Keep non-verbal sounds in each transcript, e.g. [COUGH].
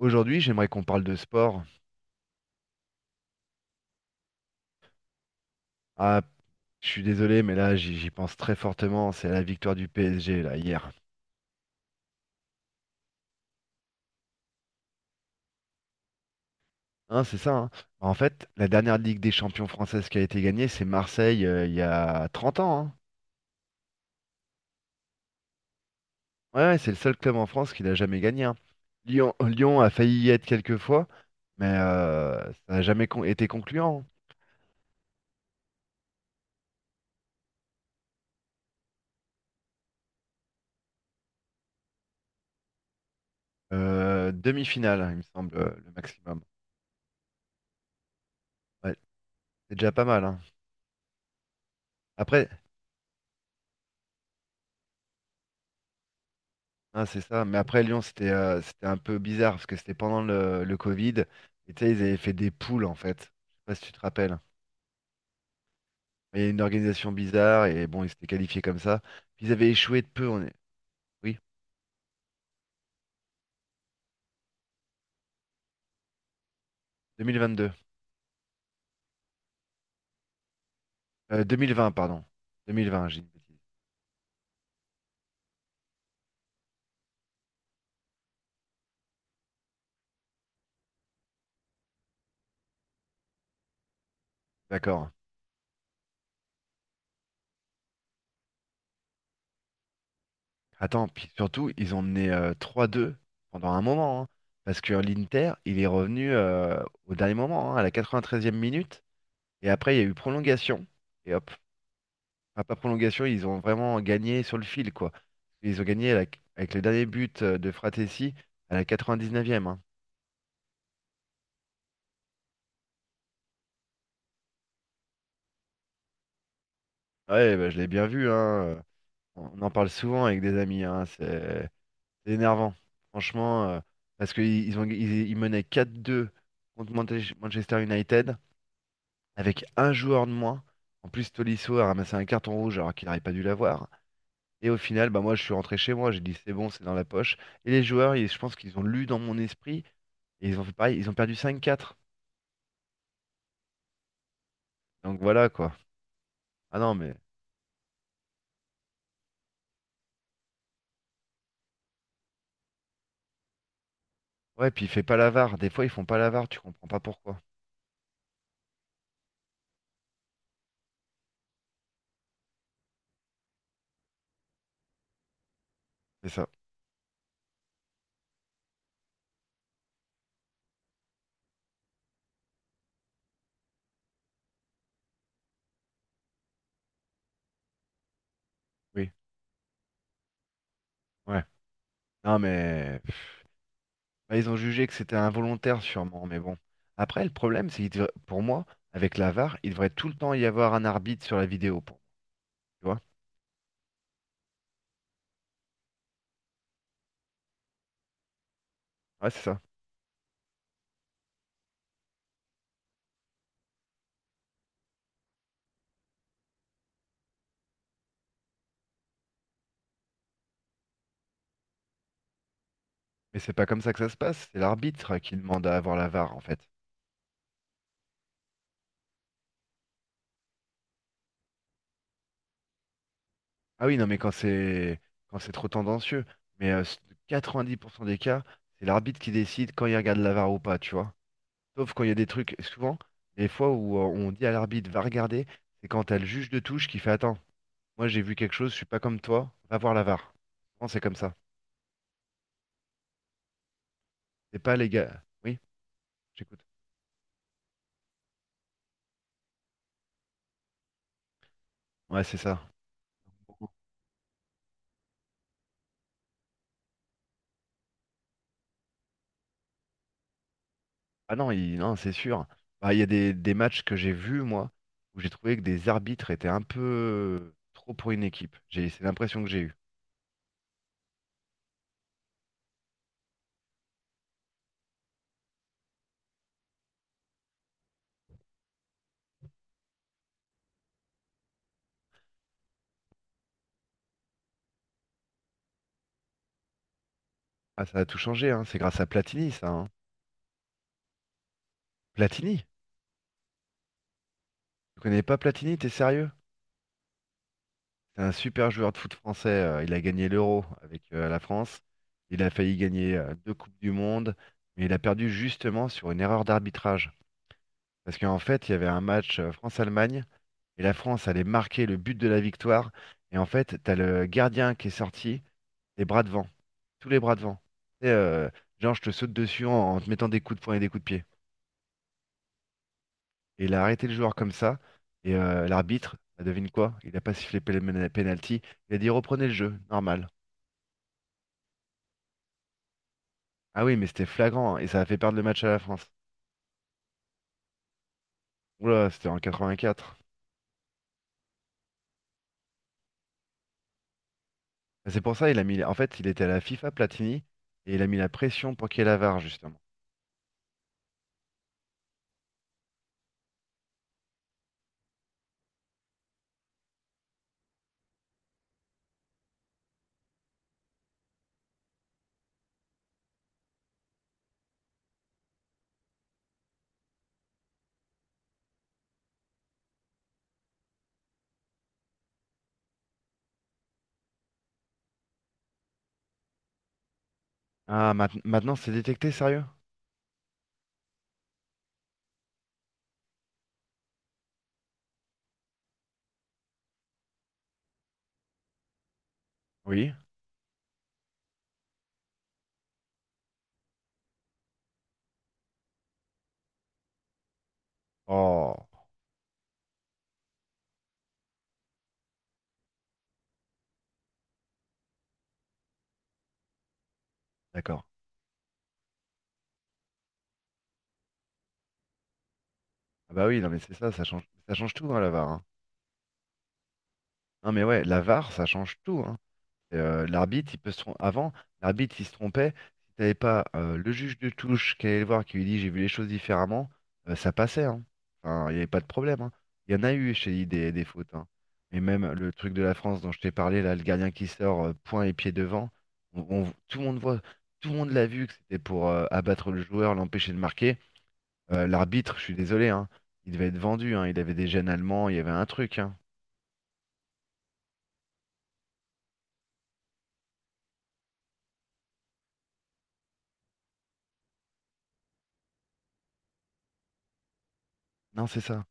Aujourd'hui, j'aimerais qu'on parle de sport. Ah, je suis désolé, mais là, j'y pense très fortement. C'est la victoire du PSG, là, hier. Hein, c'est ça, hein. En fait, la dernière Ligue des champions française qui a été gagnée, c'est Marseille, il y a 30 ans, hein. Ouais, ouais, c'est le seul club en France qui l'a jamais gagné, hein. Lyon, Lyon a failli y être quelques fois, mais ça n'a jamais été concluant, hein. Demi-finale, hein, il me semble, le maximum. Ouais, c'est déjà pas mal, hein. Après, ah, c'est ça. Mais après, Lyon, c'était c'était un peu bizarre parce que c'était pendant le Covid. Et tu sais, ils avaient fait des poules, en fait. Je sais pas si tu te rappelles. Il y a une organisation bizarre et bon, ils s'étaient qualifiés comme ça. Puis ils avaient échoué de peu. On est... Oui, 2022. 2020, pardon. 2020, j'ai dit une bêtise. D'accord. Attends, puis surtout, ils ont mené 3-2 pendant un moment, hein. Parce que l'Inter, il est revenu au dernier moment, hein, à la 93e minute. Et après, il y a eu prolongation. Et hop. Enfin, pas prolongation, ils ont vraiment gagné sur le fil, quoi. Ils ont gagné à la- Avec les derniers buts de Fratessi à la 99e, hein. Ouais, bah, je l'ai bien vu, hein. On en parle souvent avec des amis, hein. C'est énervant, franchement, parce qu'ils menaient 4-2 contre Manchester United avec un joueur de moins. En plus, Tolisso a ramassé un carton rouge alors qu'il n'aurait pas dû l'avoir, hein. Et au final, bah moi, je suis rentré chez moi, j'ai dit c'est bon, c'est dans la poche. Et les joueurs, je pense qu'ils ont lu dans mon esprit et ils ont fait pareil, ils ont perdu 5-4. Donc voilà quoi. Ah non, mais ouais, puis il fait pas l'avare. Des fois, ils font pas l'avare, tu comprends pas pourquoi. C'est ça. Oui, ouais. Non, mais bah, ils ont jugé que c'était involontaire sûrement, mais bon. Après, le problème, c'est que pour moi, avec la var, il devrait tout le temps y avoir un arbitre sur la vidéo. Pour... moi, tu vois? Ouais, c'est ça. Mais c'est pas comme ça que ça se passe, c'est l'arbitre qui demande à avoir la var en fait. Ah oui, non, mais quand c'est trop tendancieux. Mais 90% des cas, c'est l'arbitre qui décide quand il regarde la VAR ou pas, tu vois. Sauf quand il y a des trucs, souvent, les fois où on dit à l'arbitre va regarder, c'est quand t'as le juge de touche qui fait attends, moi j'ai vu quelque chose, je suis pas comme toi, va voir la VAR. Non, c'est comme ça. C'est pas les gars. Oui, j'écoute. Ouais, c'est ça. Ah non, non, c'est sûr. Bah, il y a des matchs que j'ai vus, moi, où j'ai trouvé que des arbitres étaient un peu trop pour une équipe. J'ai, c'est l'impression que j'ai eue. Ah, ça a tout changé, hein. C'est grâce à Platini, ça, hein. Platini? Tu connais pas Platini, t'es sérieux? C'est un super joueur de foot français. Il a gagné l'Euro avec la France. Il a failli gagner deux Coupes du Monde, mais il a perdu justement sur une erreur d'arbitrage. Parce qu'en fait, il y avait un match France-Allemagne et la France allait marquer le but de la victoire. Et en fait, t'as le gardien qui est sorti, les bras devant, tous les bras devant. Et, euh, genre, je te saute dessus en te mettant des coups de poing et des coups de pied. Et il a arrêté le joueur comme ça. Et l'arbitre, bah, devine quoi? Il n'a pas sifflé penalty. Il a dit reprenez le jeu, normal. Ah oui, mais c'était flagrant hein, et ça a fait perdre le match à la France. Oula, c'était en 84. Et c'est pour ça il a mis. En fait, il était à la FIFA Platini et il a mis la pression pour qu'il y ait la VAR, justement. Ah, maintenant c'est détecté, sérieux? Oui. Oh, d'accord. Ah bah oui, non mais c'est ça, ça change tout, dans la VAR, hein. Non mais ouais, la VAR, ça change tout, hein. L'arbitre, il peut avant, l'arbitre, il se trompait. Si t'avais pas le juge de touche qui allait le voir, qui lui dit j'ai vu les choses différemment, ça passait, hein. Enfin, il n'y avait pas de problème, hein. Il y en a eu chez lui des fautes, hein. Et même le truc de la France dont je t'ai parlé, là, le gardien qui sort point et pied devant, tout le monde voit, tout le monde l'a vu que c'était pour abattre le joueur, l'empêcher de marquer. L'arbitre, je suis désolé, hein, il devait être vendu, hein. Il avait des gènes allemands, il y avait un truc, hein. Non, c'est ça.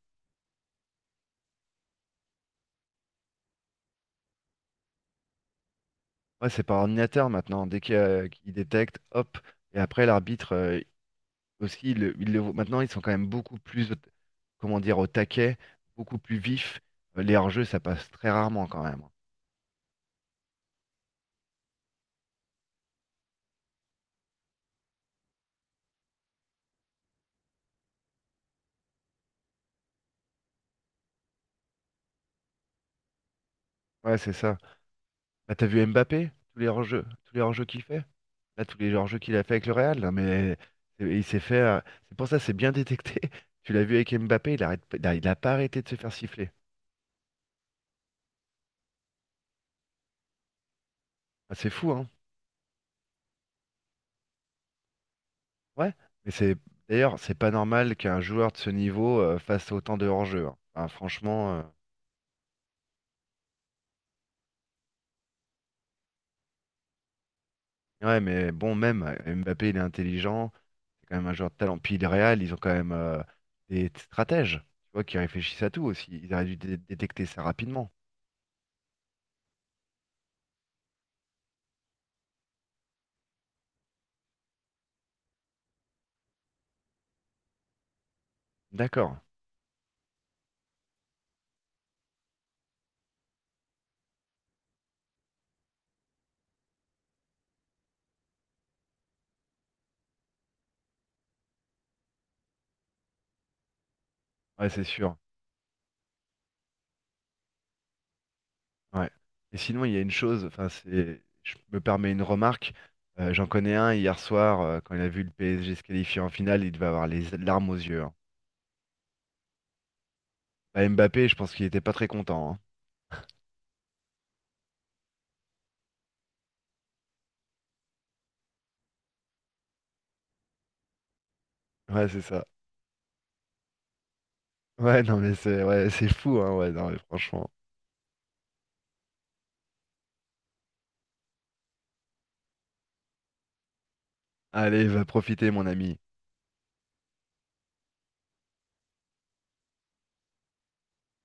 Ouais, c'est par ordinateur maintenant. Dès qu'qu'il détecte, hop. Et après, l'arbitre aussi, il le voit. Maintenant, ils sont quand même beaucoup plus, comment dire, au taquet, beaucoup plus vifs. Les hors-jeux, ça passe très rarement quand même. Ouais, c'est ça. Bah, t'as vu Mbappé, tous les hors-jeux qu'il fait? Là, tous les hors-jeux qu'il a fait avec le Real, là, mais il s'est fait. C'est pour ça, c'est bien détecté. [LAUGHS] Tu l'as vu avec Mbappé, il a pas arrêté de se faire siffler. Ah, c'est fou, hein? Ouais, mais c'est d'ailleurs, c'est pas normal qu'un joueur de ce niveau fasse autant de hors-jeu, hein. Enfin, franchement, ouais, mais bon, même Mbappé, il est intelligent, c'est quand même un joueur de talent. Puis le Real, ils ont quand même stratèges, tu vois, qui réfléchissent à tout aussi. Ils auraient dû détecter ça rapidement. D'accord. Ouais, c'est sûr. Ouais. Et sinon, il y a une chose, enfin, c'est, je me permets une remarque. J'en connais un hier soir, quand il a vu le PSG se qualifier en finale, il devait avoir les larmes aux yeux, hein. Bah, Mbappé, je pense qu'il était pas très content, hein. Ouais, c'est ça. Ouais, non, mais c'est ouais, c'est fou, hein, ouais, non, mais franchement. Allez, va profiter, mon ami.